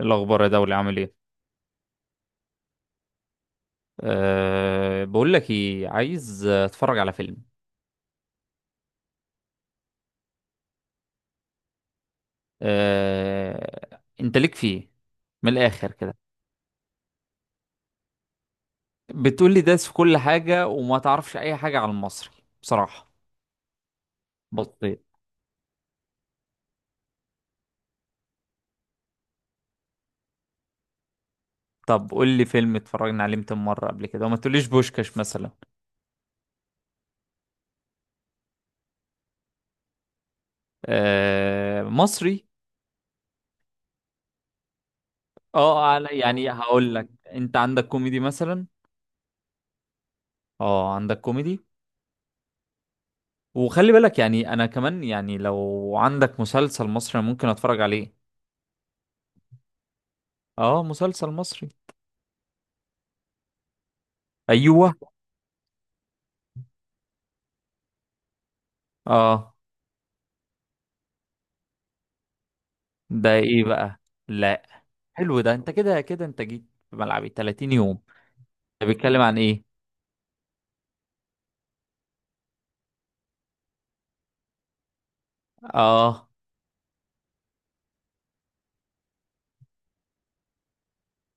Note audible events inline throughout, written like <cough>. الأخبار يا دولي عامل إيه؟ أه بقول لك إيه، عايز أتفرج على فيلم. أه أنت ليك فيه من الآخر كده. بتقول لي داس في كل حاجة وما تعرفش أي حاجة على المصري، بصراحة. بطيء. طب قول لي فيلم اتفرجنا عليه 200 مرة قبل كده وما تقوليش بوشكاش مثلا. أه مصري. اه على يعني هقول لك، أنت عندك كوميدي مثلا؟ اه عندك كوميدي. وخلي بالك يعني أنا كمان يعني لو عندك مسلسل مصري أنا ممكن أتفرج عليه. اه مسلسل مصري. ايوه. اه. ده ايه بقى؟ لا. حلو ده، انت كده كده انت جيت في ملعبي. 30 يوم. ده بيتكلم عن ايه؟ اه.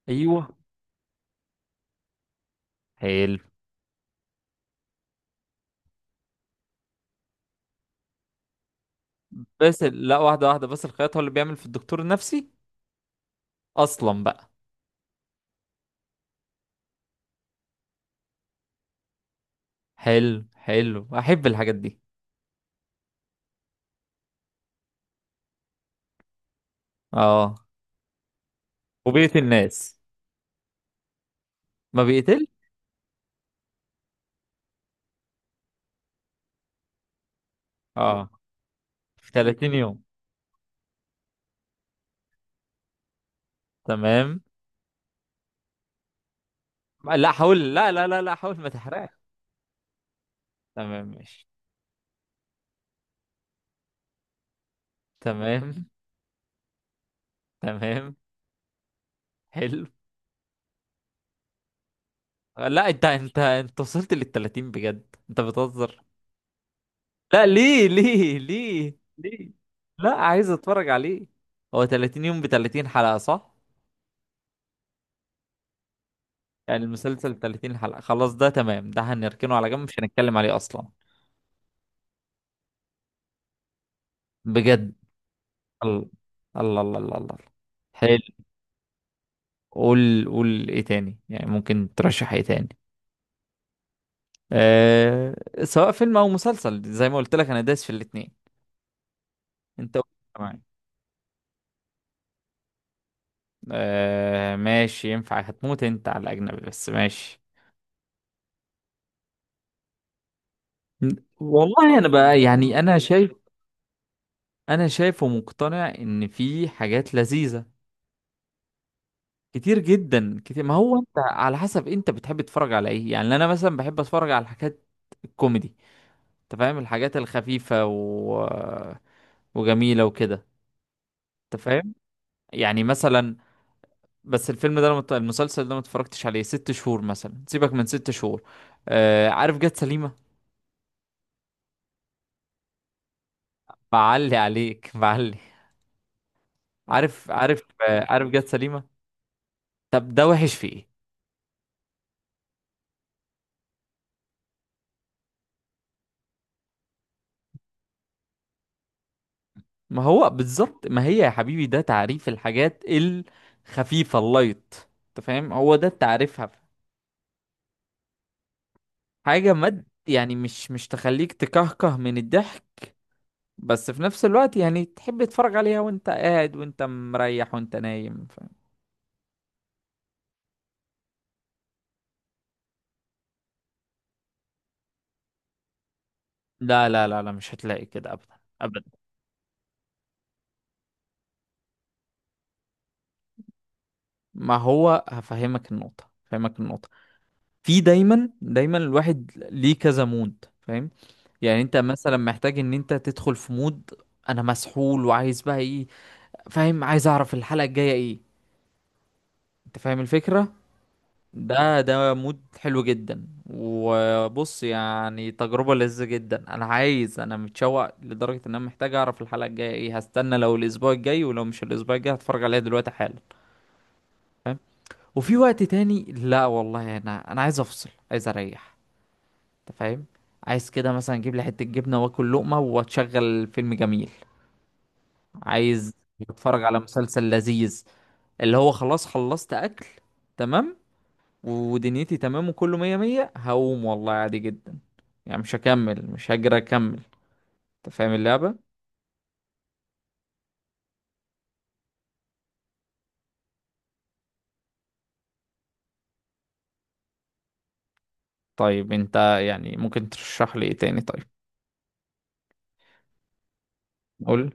ايوه. حلو. بس لا، واحده واحده بس، الخياط هو اللي بيعمل في الدكتور النفسي اصلا بقى. حلو حلو، احب الحاجات دي. اه. وبيقتل الناس؟ ما بيقتل. اه. في 30 يوم. تمام. لا حاول، لا لا لا لا حاول ما تحرقش. تمام ماشي. تمام. تمام. حلو. لا انت وصلت للتلاتين؟ بجد انت بتهزر. لا ليه ليه ليه ليه؟ لا عايز اتفرج عليه. هو 30 يوم ب 30 حلقة صح؟ يعني المسلسل 30 حلقة خلاص؟ ده تمام، ده هنركنه على جنب مش هنتكلم عليه اصلا. بجد. الله. الله الله الله، الله. حلو. قول قول ايه تاني، يعني ممكن ترشح ايه تاني؟ أه... سواء فيلم او مسلسل، زي ما قلت لك انا دايس في الاتنين. انت قول. معايا. آه ماشي ينفع، هتموت انت على الاجنبي بس ماشي. والله انا بقى يعني انا شايف، انا شايف ومقتنع ان في حاجات لذيذة كتير جدا، كتير. ما هو انت على حسب انت بتحب تتفرج على ايه. يعني انا مثلا بحب اتفرج على الحاجات الكوميدي. انت فاهم، الحاجات الخفيفة وجميلة وكده. انت فاهم؟ يعني مثلا. بس الفيلم ده المسلسل ده ما اتفرجتش عليه ست شهور مثلا، سيبك من ست شهور. آه عارف، جت سليمة. بعلي عليك <laughs> بعلي. عارف عارف آه، عارف جت سليمة. طب ده وحش في ايه؟ ما هو بالظبط، ما هي يا حبيبي ده تعريف الحاجات الخفيفة، اللايت. انت فاهم؟ هو ده تعريفها. حاجة مد يعني مش تخليك تكهكه من الضحك، بس في نفس الوقت يعني تحب تتفرج عليها وانت قاعد وانت مريح وانت نايم. فاهم؟ لا لا لا لا مش هتلاقي كده ابدا. ابدا. ما هو هفهمك النقطة، هفهمك النقطة. في دايما دايما الواحد ليه كذا مود. فاهم؟ يعني انت مثلا محتاج ان انت تدخل في مود. انا مسحول وعايز بقى ايه. فاهم؟ عايز اعرف الحلقة الجاية ايه. انت فاهم الفكرة. ده ده مود حلو جدا. وبص، يعني تجربة لذة جدا، انا عايز، انا متشوق لدرجة ان انا محتاج اعرف الحلقة الجاية ايه، هستنى لو الاسبوع الجاي ولو مش الاسبوع الجاي هتفرج عليها دلوقتي حالا. فاهم؟ وفي وقت تاني لا والله، انا عايز افصل، عايز اريح. انت فاهم؟ عايز كده مثلا اجيب لي حتة جبنة واكل لقمة واتشغل فيلم جميل. عايز اتفرج على مسلسل لذيذ، اللي هو خلاص خلصت اكل، تمام، ودنيتي تمام، وكله مية مية، هقوم والله عادي جدا. يعني مش هكمل، مش هجري اكمل. انت فاهم اللعبة. طيب انت يعني ممكن ترشح لي ايه تاني طيب؟ قول.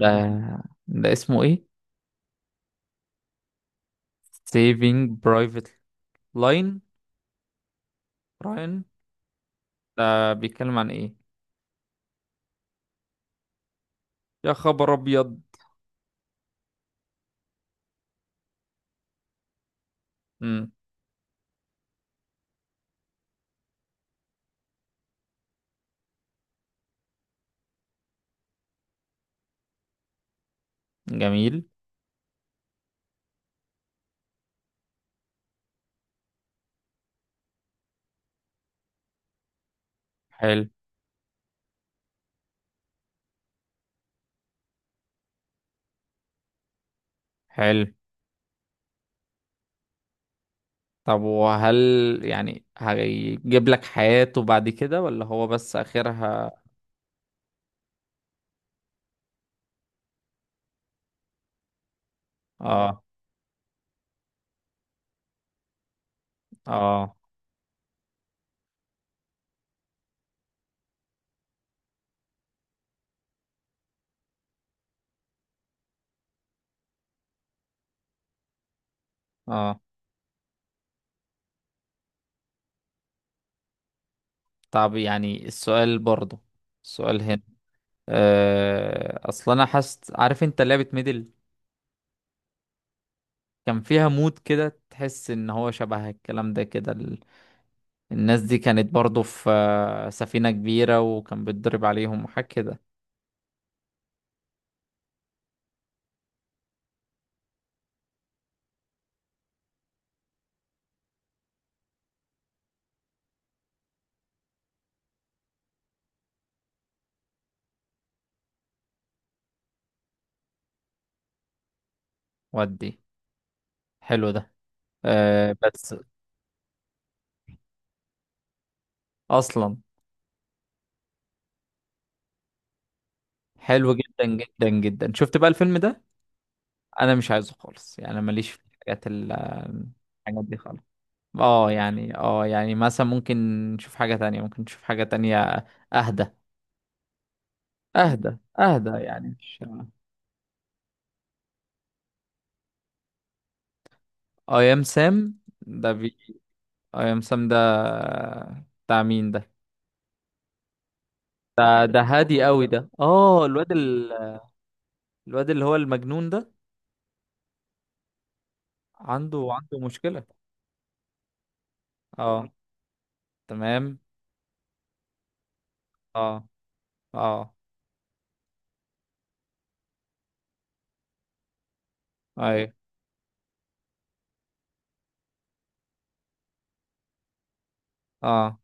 ده. ده اسمه ايه؟ Saving Private Line. راين. ده بيتكلم عن ايه؟ يا خبر ابيض. امم. جميل. حلو. حلو. طب وهل يعني هيجيب لك حياته بعد كده ولا هو بس آخرها؟ اه. اه. اه. طب يعني السؤال برضه، السؤال هنا، آه اصل انا حاسس، عارف انت لعبة ميدل، كان فيها مود كده تحس ان هو شبه الكلام ده كده الناس دي كانت برضه في آه، سفينة كبيرة وكان بيتضرب عليهم وحاجة كده. ودي. حلو ده. آه بس. اصلا. حلو جدا جدا جدا. شفت بقى الفيلم ده؟ انا مش عايزه خالص يعني، أنا ماليش في الحاجات الحاجات دي خالص. اه يعني اه يعني مثلا ممكن نشوف حاجة تانية، ممكن نشوف حاجة تانية. اهدى. اهدى اهدى يعني مش. اي ام سام. ده بي. اي ام سام. ده بتاع مين ده؟ ده ده هادي قوي ده، اه الواد الواد اللي هو المجنون ده. عنده عنده مشكلة. اه. تمام. اه. اه. ايوه. اه.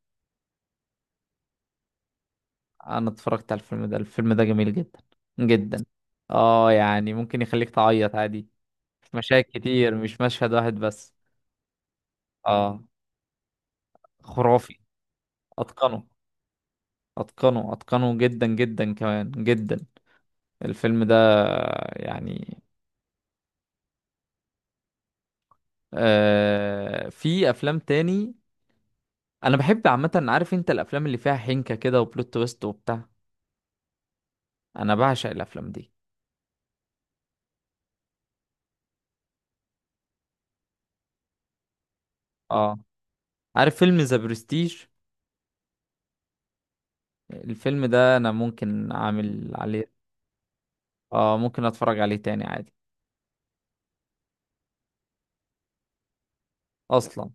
انا اتفرجت على الفيلم ده، الفيلم ده جميل جدا جدا. اه يعني ممكن يخليك تعيط عادي، في مشاهد كتير مش مشهد واحد بس. اه. خرافي. اتقنه اتقنه اتقنه جدا جدا كمان جدا. الفيلم ده. يعني. آه في افلام تاني. انا بحب عامه، عارف انت الافلام اللي فيها حنكه كده وبلوت تويست وبتاع. انا بعشق الافلام دي. اه عارف فيلم ذا برستيج؟ الفيلم ده انا ممكن اعمل عليه. اه ممكن اتفرج عليه تاني عادي. اصلا.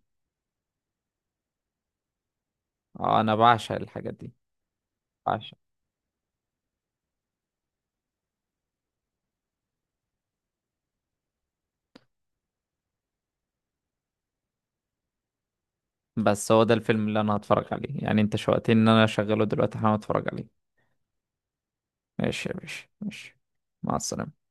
آه انا بعشق الحاجات دي. بعشق. بس هو ده الفيلم اللي انا هتفرج عليه، يعني انت شوقتني ان انا اشغله دلوقتي، هقوم اتفرج عليه. ماشي يا باشا، ماشي. مع السلامة.